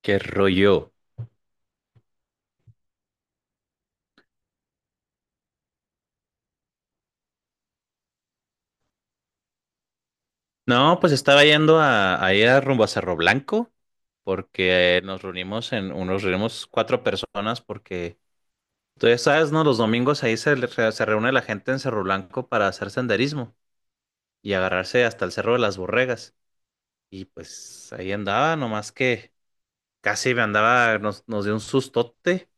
¿Qué rollo? No, pues estaba yendo a ir a rumbo a Cerro Blanco porque nos reunimos cuatro personas porque tú ya sabes, ¿no? Los domingos ahí se reúne la gente en Cerro Blanco para hacer senderismo y agarrarse hasta el Cerro de las Borregas. Y pues ahí andaba, nomás que nos dio un sustote.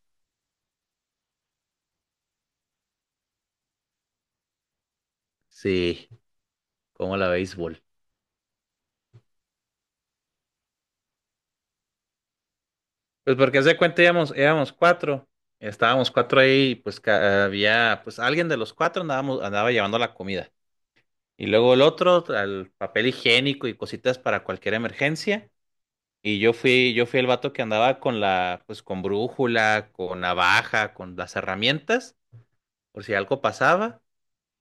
Sí, como la béisbol. Pues porque haz de cuenta íbamos, éramos cuatro, estábamos cuatro ahí, y pues había, pues alguien de los cuatro andaba llevando la comida. Y luego el otro, al papel higiénico y cositas para cualquier emergencia. Y yo fui el vato que andaba pues con brújula, con navaja, con las herramientas, por si algo pasaba.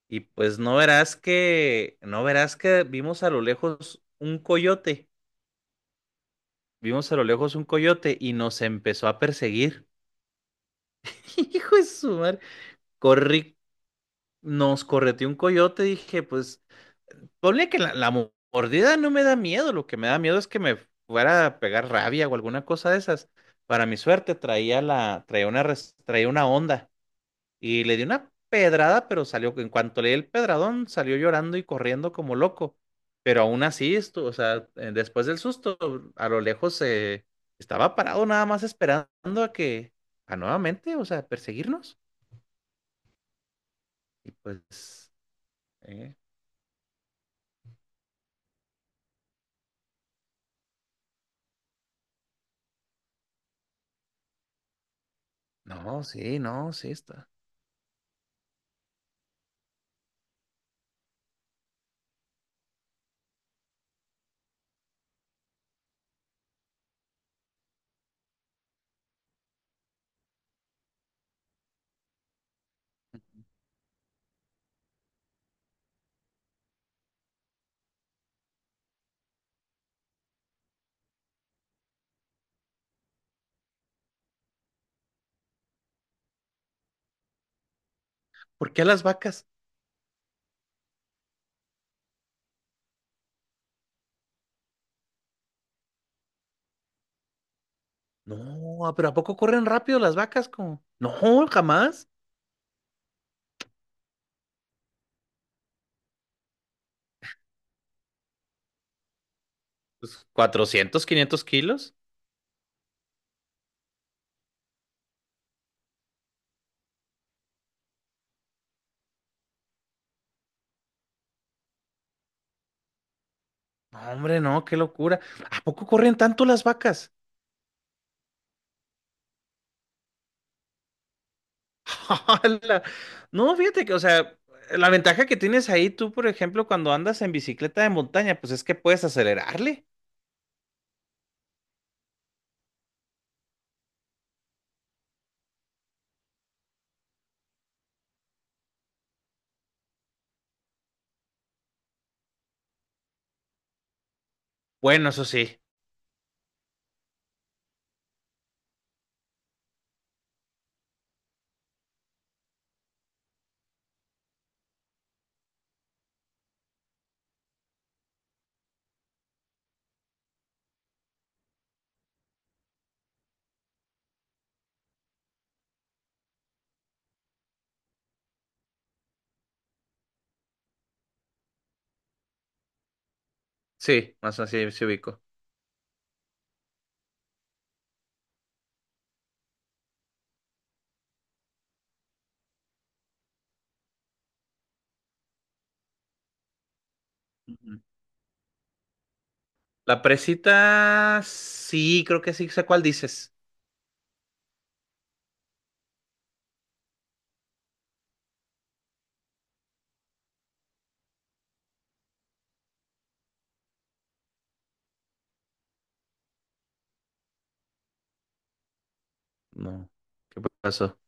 Y pues no verás que vimos a lo lejos un coyote, vimos a lo lejos un coyote y nos empezó a perseguir. Hijo de su madre. Corrí, nos correteó un coyote, dije, pues, ponle que la mordida no me da miedo, lo que me da miedo es que me fuera a pegar rabia o alguna cosa de esas. Para mi suerte traía la, traía una, res- traía una onda y le di una pedrada, pero salió, en cuanto le di el pedradón, salió llorando y corriendo como loco. Pero aún así, o sea, después del susto, a lo lejos se estaba parado nada más esperando a que, a nuevamente, o sea, perseguirnos. Y pues, eh, No, sí, no, sí está. ¿Por qué a las vacas? No, ah, pero ¿a poco corren rápido las vacas? Como, no, jamás. Pues, 400-500 kilos. No, hombre, no, qué locura. ¿A poco corren tanto las vacas? ¡Hala! No, fíjate que, o sea, la ventaja que tienes ahí tú, por ejemplo, cuando andas en bicicleta de montaña, pues es que puedes acelerarle. Bueno, eso sí, sí, más así se ubico. Ujú. La presita, sí, creo que sí sé cuál dices. No, ¿qué pasó?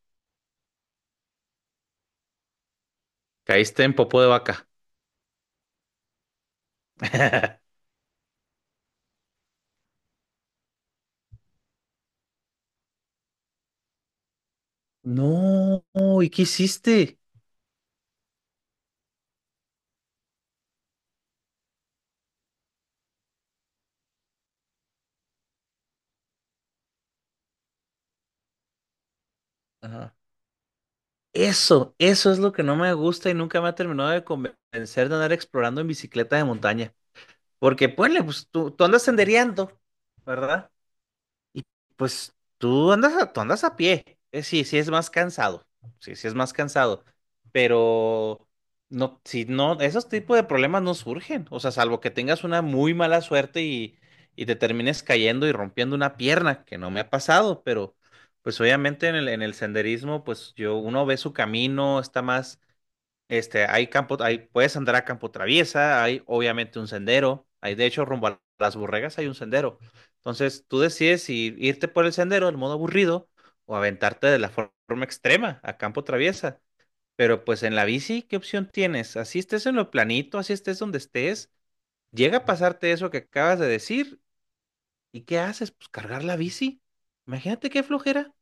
Caíste en popó de vaca. No, ¿y qué hiciste? Ajá. Eso es lo que no me gusta y nunca me ha terminado de convencer de andar explorando en bicicleta de montaña. Porque, ponle, pues tú andas sendereando, ¿verdad? Y pues tú andas a pie. Sí, sí es más cansado. Sí, sí es más cansado. Pero no, si no, esos tipos de problemas no surgen. O sea, salvo que tengas una muy mala suerte y te termines cayendo y rompiendo una pierna, que no me ha pasado, pero pues obviamente en el senderismo, pues yo, uno ve su camino, está más hay campo, hay, puedes andar a campo traviesa, hay obviamente un sendero, hay de hecho rumbo a las burregas hay un sendero. Entonces tú decides si irte por el sendero, el modo aburrido, o aventarte de la forma extrema a campo traviesa. Pero pues en la bici, ¿qué opción tienes? Así estés en lo planito, así estés donde estés, llega a pasarte eso que acabas de decir, ¿y qué haces? Pues cargar la bici. Imagínate qué flojera.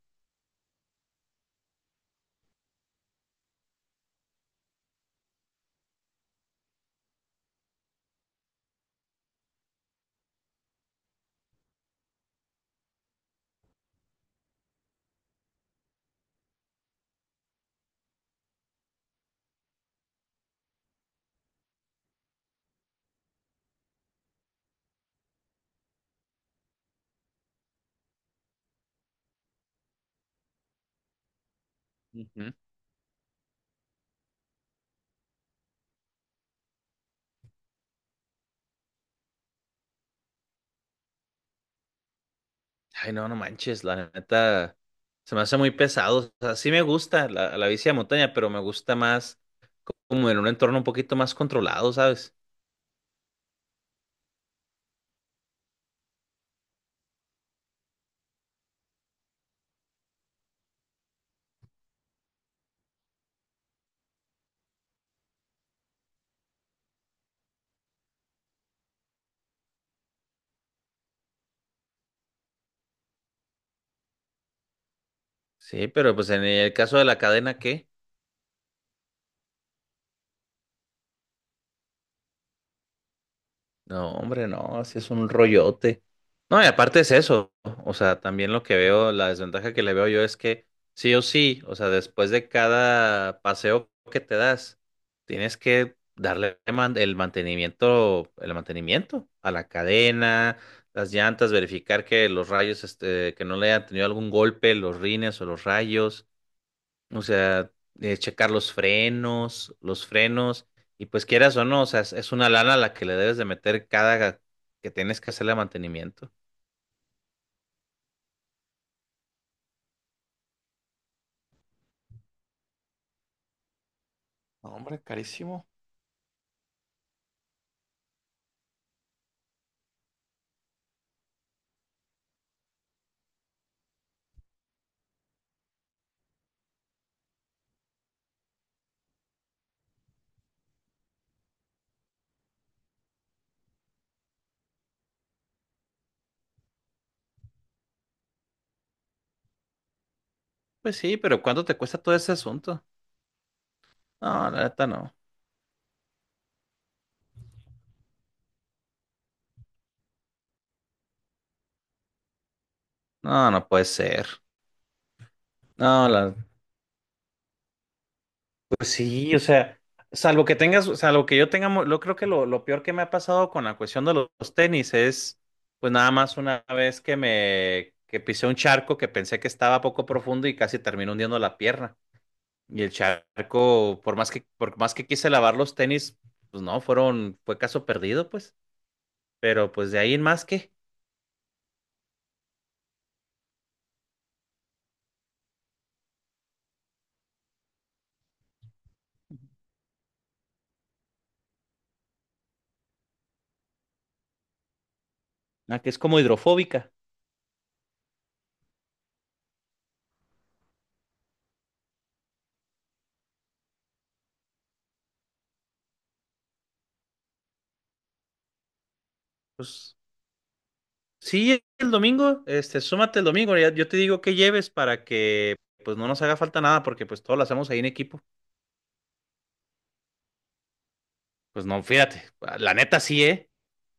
Ujú. Ay, no, no manches, la neta se me hace muy pesado. O sea, sí me gusta la bici de montaña, pero me gusta más como en un entorno un poquito más controlado, ¿sabes? Sí, pero pues en el caso de la cadena, ¿qué? No, hombre, no, así es un rollote. No, y aparte es eso, o sea, también lo que veo, la desventaja que le veo yo es que sí o sí, o sea, después de cada paseo que te das, tienes que darle el mantenimiento a la cadena, las llantas, verificar que los rayos, que no le hayan tenido algún golpe, los rines o los rayos. O sea, checar los frenos, y pues quieras o no, o sea, es una lana la que le debes de meter cada que tienes que hacerle mantenimiento. No, hombre, carísimo. Pues sí, pero ¿cuánto te cuesta todo ese asunto? No, la neta no. No, no puede ser. No, la... Pues sí, o sea, salvo que yo tenga, yo creo que lo peor que me ha pasado con la cuestión de los tenis es, pues nada más una vez que me, que pisé un charco que pensé que estaba poco profundo y casi terminé hundiendo la pierna. Y el charco, por más que quise lavar los tenis, pues no, fueron, fue caso perdido, pues. Pero pues de ahí en más que, ah, que es como hidrofóbica. Pues sí, el domingo, súmate el domingo, yo te digo que lleves para que pues no nos haga falta nada, porque pues todo lo hacemos ahí en equipo. Pues no, fíjate, la neta sí,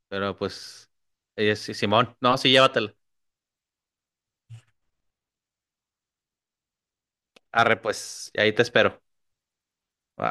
pero pues, sí, Simón, no, sí, llévatela. Arre, pues, ahí te espero. Va.